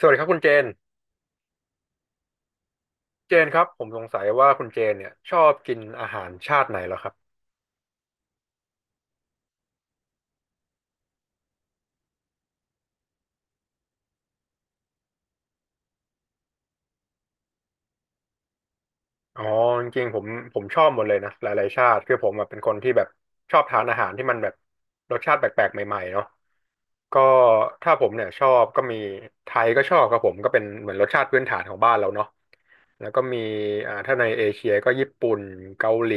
สวัสดีครับคุณเจน เจนครับผมสงสัยว่าคุณเจนเนี่ยชอบกินอาหารชาติไหนเหรอครับ อ๋อจริงๆผมชอบหมดเลยนะหลายๆชาติคือผมแบบเป็นคนที่แบบชอบทานอาหารที่มันแบบรสชาติแปลกๆใหม่ๆเนาะก็ถ้าผมเนี่ยชอบก็มีไทยก็ชอบครับผมก็เป็นเหมือนรสชาติพื้นฐานของบ้านเราเนาะแล้วก็มีถ้าในเอเชียก็ญี่ปุ่นเกาหลี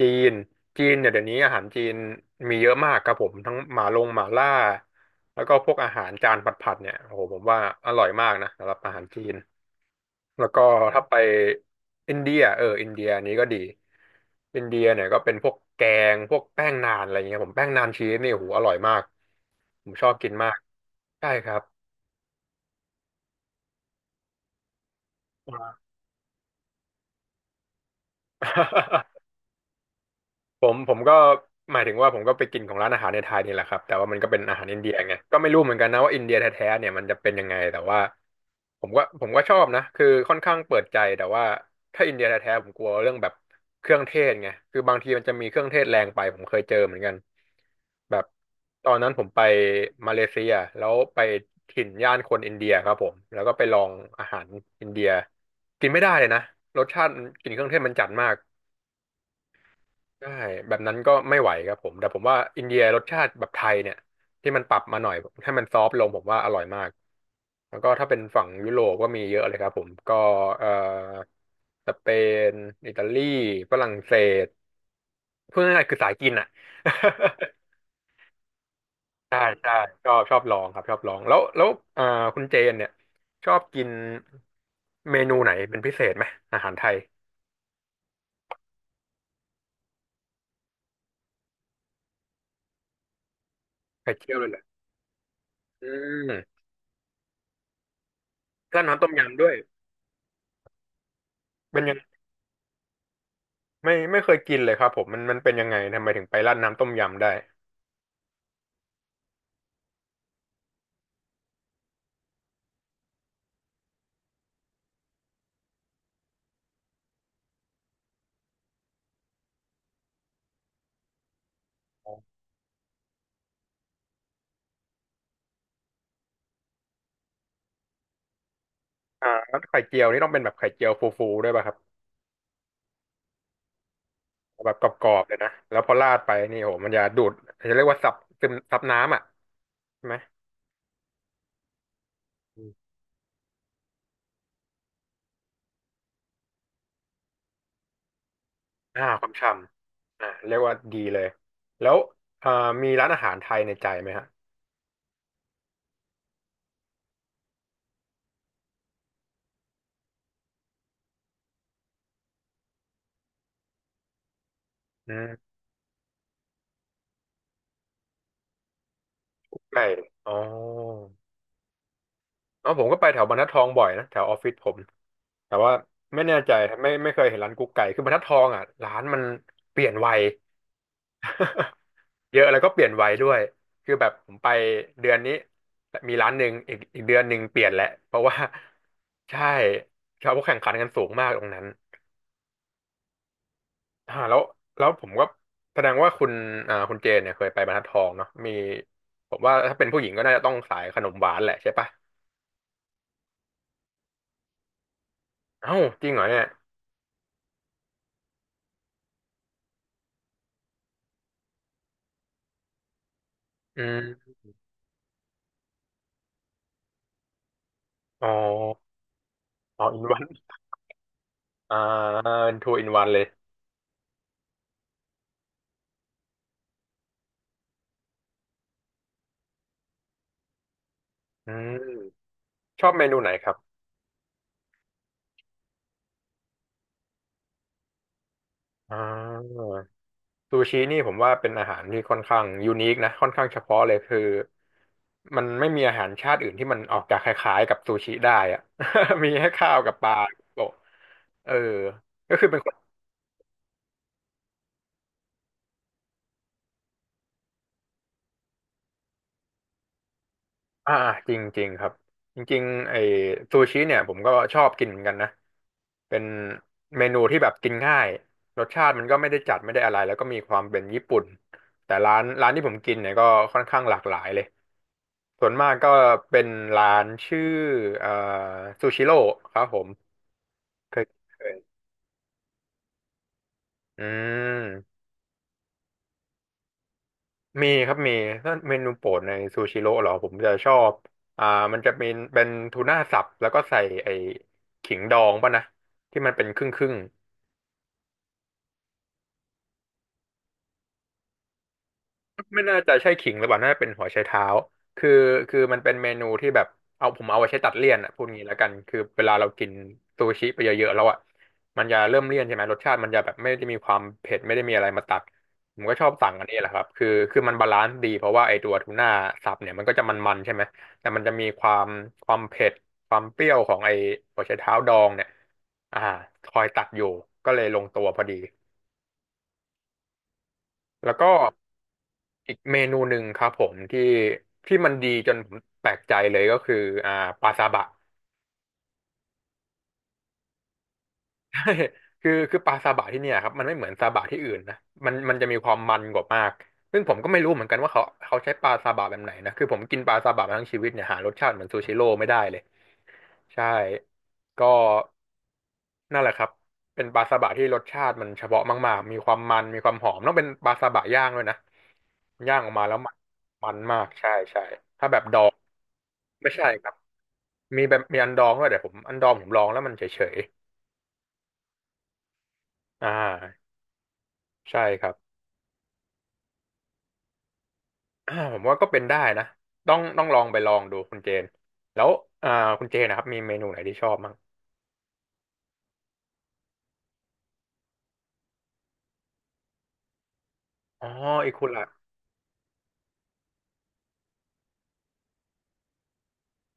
จีนจีนเนี่ยเดี๋ยวนี้อาหารจีนมีเยอะมากครับผมทั้งหมาลงหมาล่าแล้วก็พวกอาหารจานผัดๆเนี่ยโอ้โหผมว่าอร่อยมากนะสำหรับอาหารจีน แล้วก็ถ้าไปอินเดียเอออินเดียนี้ก็ดีอินเดียเนี่ยก็เป็นพวกแกงพวกแป้งนานอะไรเงี้ยผมแป้งนานชีสนี่โอ้โหอร่อยมากผมชอบกินมากใช่ครับผมก็หมายถึงว่าผมก็ไปกินของร้านอาหารในไทยนี่แหละครับแต่ว่ามันก็เป็นอาหารอินเดียไงก็ไม่รู้เหมือนกันนะว่าอินเดียแท้ๆเนี่ยมันจะเป็นยังไงแต่ว่า ผมก็ชอบนะคือค่อนข้างเปิดใจแต่ว่าถ้าอินเดียแท้ๆผมกลัวเรื่องแบบเครื่องเทศไงคือบางทีมันจะมีเครื่องเทศแรงไปผมเคยเจอเหมือนกันแบบตอนนั้นผมไปมาเลเซียแล้วไปถิ่นย่านคนอินเดียครับผมแล้วก็ไปลองอาหารอินเดียกินไม่ได้เลยนะรสชาติมันกลิ่นเครื่องเทศมันจัดมาก ใช่แบบนั้นก็ไม่ไหวครับผมแต่ผมว่าอินเดียรสชาติแบบไทยเนี่ยที่มันปรับมาหน่อยให้มันซอฟต์ลงผมว่าอร่อยมากแล้วก็ถ้าเป็นฝั่งยุโรปก็มีเยอะเลยครับผมก็เอ่อสเปนอิตาลีฝรั่งเศสพูดง่ายๆคือสายกินอ่ะ ใช่ใช่ชอบลองครับชอบลองแล้วเอ่อคุณเจนเนี่ยชอบกินเมนูไหนเป็นพิเศษไหมอาหารไทยไข่เจียวเลยเหรออืมก็น้ำต้มยำด้วยเป็นยังง ไม่เคยกินเลยครับผมมันเป็นยังไงทำไมถึงไปราดน้ำต้มยำได้อ่าแล้วไข่เจียวนี่ต้องเป็นแบบไข่เจียวฟูๆด้วยป่ะครับแบบกรอบๆเลยนะแล้วพอราดไปนี่โหมันจะดูดจะเรียกว่าซับซึมซับน้ำอ่ะใช่ไหมอมอ่าความฉ่ำอ่าเรียกว่าดีเลยแล้วอ่ามีร้านอาหารไทยในใจไหมฮะอืมใช่อ๋ออ๋อผมก็ไปแถวบรรทัดทองบ่อยนะแถวออฟฟิศผมแต่ว่าไม่แน่ใจไม่เคยเห็นร้านกุ๊กไก่คือบรรทัดทองอ่ะร้านมันเปลี่ยนไว เยอะแล้วก็เปลี่ยนไวด้วยคือแบบผมไปเดือนนี้มีร้านหนึ่งอีกเดือนหนึ่งเปลี่ยนแหละเพราะว่า ใช่เขาแข่งขันกันสูงมากตรงนั้นอ่าแล้วแล้วผมก็แสดงว่าคุณอ่าคุณเจนเนี่ยเคยไปบรรทัดทองเนาะมีผมว่าถ้าเป็นผู้หญิงก็น่าจะต้องสายขนมหวานแหละใช่ปะเอ้าจริงเหรอเนี่ยอืมอ๋ออ๋ออินวันอ่าทูอินวันเลยอืมชอบเมนูไหนครับอ่า ซูชินี่ผมว่าเป็นอาหารที่ค่อนข้างยูนิคนะค่อนข้างเฉพาะเลยคือมันไม่มีอาหารชาติอื่นที่มันออกจากคล้ายๆกับซูชิได้อะ มีให้ข้าวกับปลาโปะเออก็คือเป็นคนอ่าจริงๆครับจริงๆไอ้ซูชิเนี่ยผมก็ชอบกินเหมือนกันนะเป็นเมนูที่แบบกินง่ายรสชาติมันก็ไม่ได้จัดไม่ได้อะไรแล้วก็มีความเป็นญี่ปุ่นแต่ร้านที่ผมกินเนี่ยก็ค่อนข้างหลากหลายเลย ส่วนมากก็เป็นร้านชื่อเอ่อซูชิโร่ครับผมเคยเคยอืมมีครับมีถ้าเมนูโปรดในซูชิโร่เหรอผมจะชอบอ่ามันจะเป็นทูน่าสับแล้วก็ใส่ไอ้ขิงดองป่ะนะที่มันเป็นครึ่งครึ่ง ไม่น่าจะใช่ขิงหรือเปล่าน่าจะเป็นหัวไชเท้าคือคือมันเป็นเมนูที่แบบเอาผมเอาไว้ใช้ตัดเลี่ยนอ่ะพูดงี้แล้วกันคือเวลาเรากินซูชิไปเยอะๆแล้วอ่ะมันจะเริ่มเลี่ยนใช่ไหม รสชาติมันจะแบบไม่ได้มีความเผ็ดไม่ได้มีอะไรมาตัดผมก็ชอบสั่งอันนี้แหละครับคือมันบาลานซ์ดีเพราะว่าไอตัวทูน่าสับเนี่ยมันก็จะมันๆใช่ไหมแต่มันจะมีความความเผ็ดความเปรี้ยวของไอหัวไชเท้าดองเนี่ยอ่าคอยตัดอยู่ก็เลยลงตัวพอดีแล้วก็ อีกเมนูหนึ่งครับผมที่มันดีจนผมแปลกใจเลยก็คืออ่าปลาซาบะ ใช่คือปลาซาบะที่เนี่ยครับมันไม่เหมือนซาบะที่อื่นนะมันจะมีความมันกว่ามากซึ่งผมก็ไม่รู้เหมือนกันว่าเขาใช้ปลาซาบะแบบไหนนะคือผมกินปลาซาบะมาทั้งชีวิตเนี่ยหารสชาติเหมือนซูชิโร่ไม่ได้เลยใช่ก็นั่นแหละครับเป็นปลาซาบะที่รสชาติมันเฉพาะมากๆมีความมันมีความหอมต้องเป็นปลาซาบะย่างด้วยนะย่างออกมาแล้วมันมันมากใช่ใช่ถ้าแบบดอง ไม่ใช่ครับมีแบบมีอันดองด้วยแต่ผมอันดองผมลองแล้วมันเฉยๆใช่ครับผมว่าก็เป็นได้นะต้องลองไปลองดูคุณเจนแล้วอ่าคุณเจนนะครับมีเมนูไหนที่ชอบมั้งอ๋ออีคุระ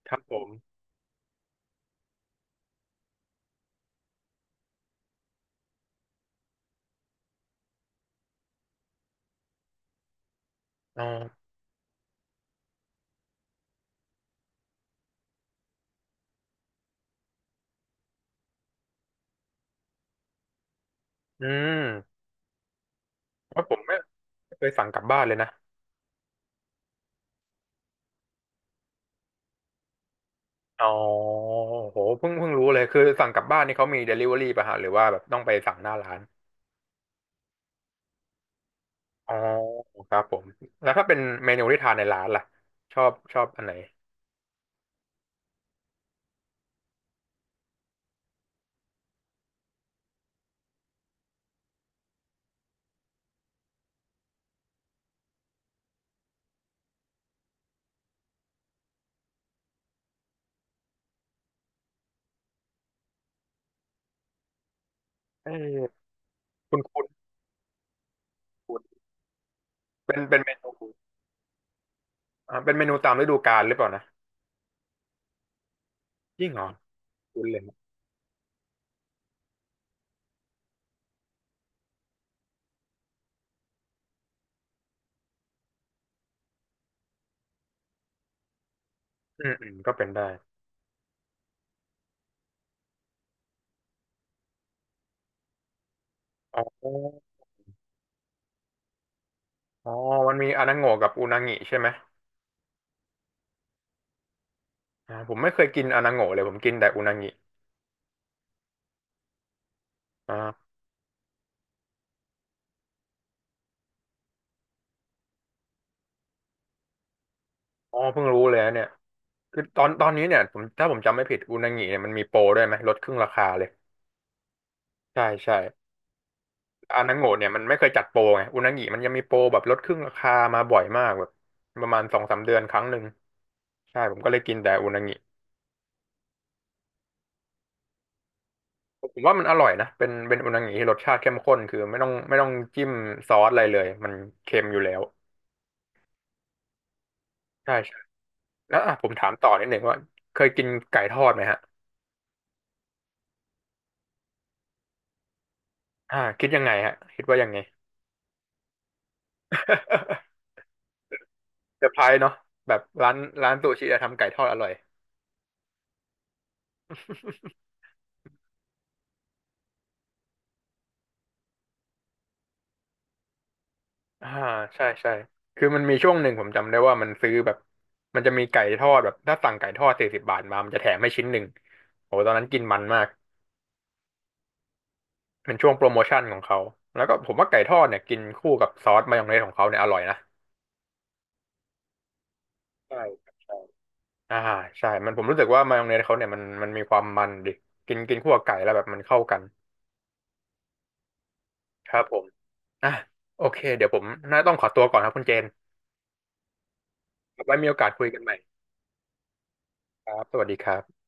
ครับผมอ๋ออืมว่าะผมไม่เคยสั่งกลับบ้านเลยนะอ๋อโหเพิ่งรู้เลยคือสั่งกลับบ้านนี่เขามีเดลิเวอรี่ป่ะฮะหรือว่าแบบต้องไปสั่งหน้าร้านอ๋อครับผมแล้วถ้าเป็นเมนูที่ทานในร้านล่ะชอบอันไหนเออคุณคุ้น เป็นเมนูเป็นเมนูตามฤดูกาลหรือเปล่านะยิ่งเหรอคุ้นเลยนะอืมอืมก็เป็นได้อ๋ออ๋อมันมีอานาโงะกับอุนางิใช่ไหมผมไม่เคยกินอานาโงะเลยผมกินแต่อุนางิอ่าอ๋อเพิ่งรู้เลยนะเนี่ยคือตอนนี้เนี่ยผมถ้าผมจำไม่ผิดอุนางิเนี่ยมันมีโปรด้วยไหมลดครึ่งราคาเลยใช่ใช่อานาโงะเนี่ยมันไม่เคยจัดโปรไงอุนางิมันยังมีโปรแบบลดครึ่งราคามาบ่อยมากแบบประมาณสองสามเดือนครั้งหนึ่งใช่ผมก็เลยกินแต่อุนางิ ผมว่ามันอร่อยนะ เป็นอุนางิที่รสชาติเข้มข้นคือไม่ต้องจิ้มซอสอะไรเลยมันเค็มอยู่แล้วใช่ใช่แล้วอ่ะผมถามต่อนิดหนึ่งว่าเคยกินไก่ทอดไหมฮะคิดยังไงฮะคิดว่ายังไง เซอร์ไพรส์ เนาะแบบร้านซูชิอะทำไก่ทอดอร่อย อ่าใช่ใช่คือมันมีช่วงหนึ่งผมจำได้ว่ามันซื้อแบบมันจะมีไก่ทอดแบบถ้าสั่งไก่ทอด40 บาทมามันจะแถมให้ชิ้นหนึ่งโอ้ตอนนั้นกินมันมาก เป็นช่วงโปรโมชั่นของเขา แล้วก็ผมว่าไก่ทอดเนี่ยกินคู่กับซอสมายองเนสของเขาเนี่ยอร่อยนะใช่ครับใช่อ่าใช่มันผมรู้สึกว่ามายองเนสเขาเนี่ยมันมีความมันดิกินกินคู่กับไก่แล้วแบบมันเข้ากันครับผมอ่ะโอเคเดี๋ยวผมน่าต้องขอตัวก่อนครับคุณเจนไว้มีโอกาสคุยกันใหม่ครับสวัสดีครับ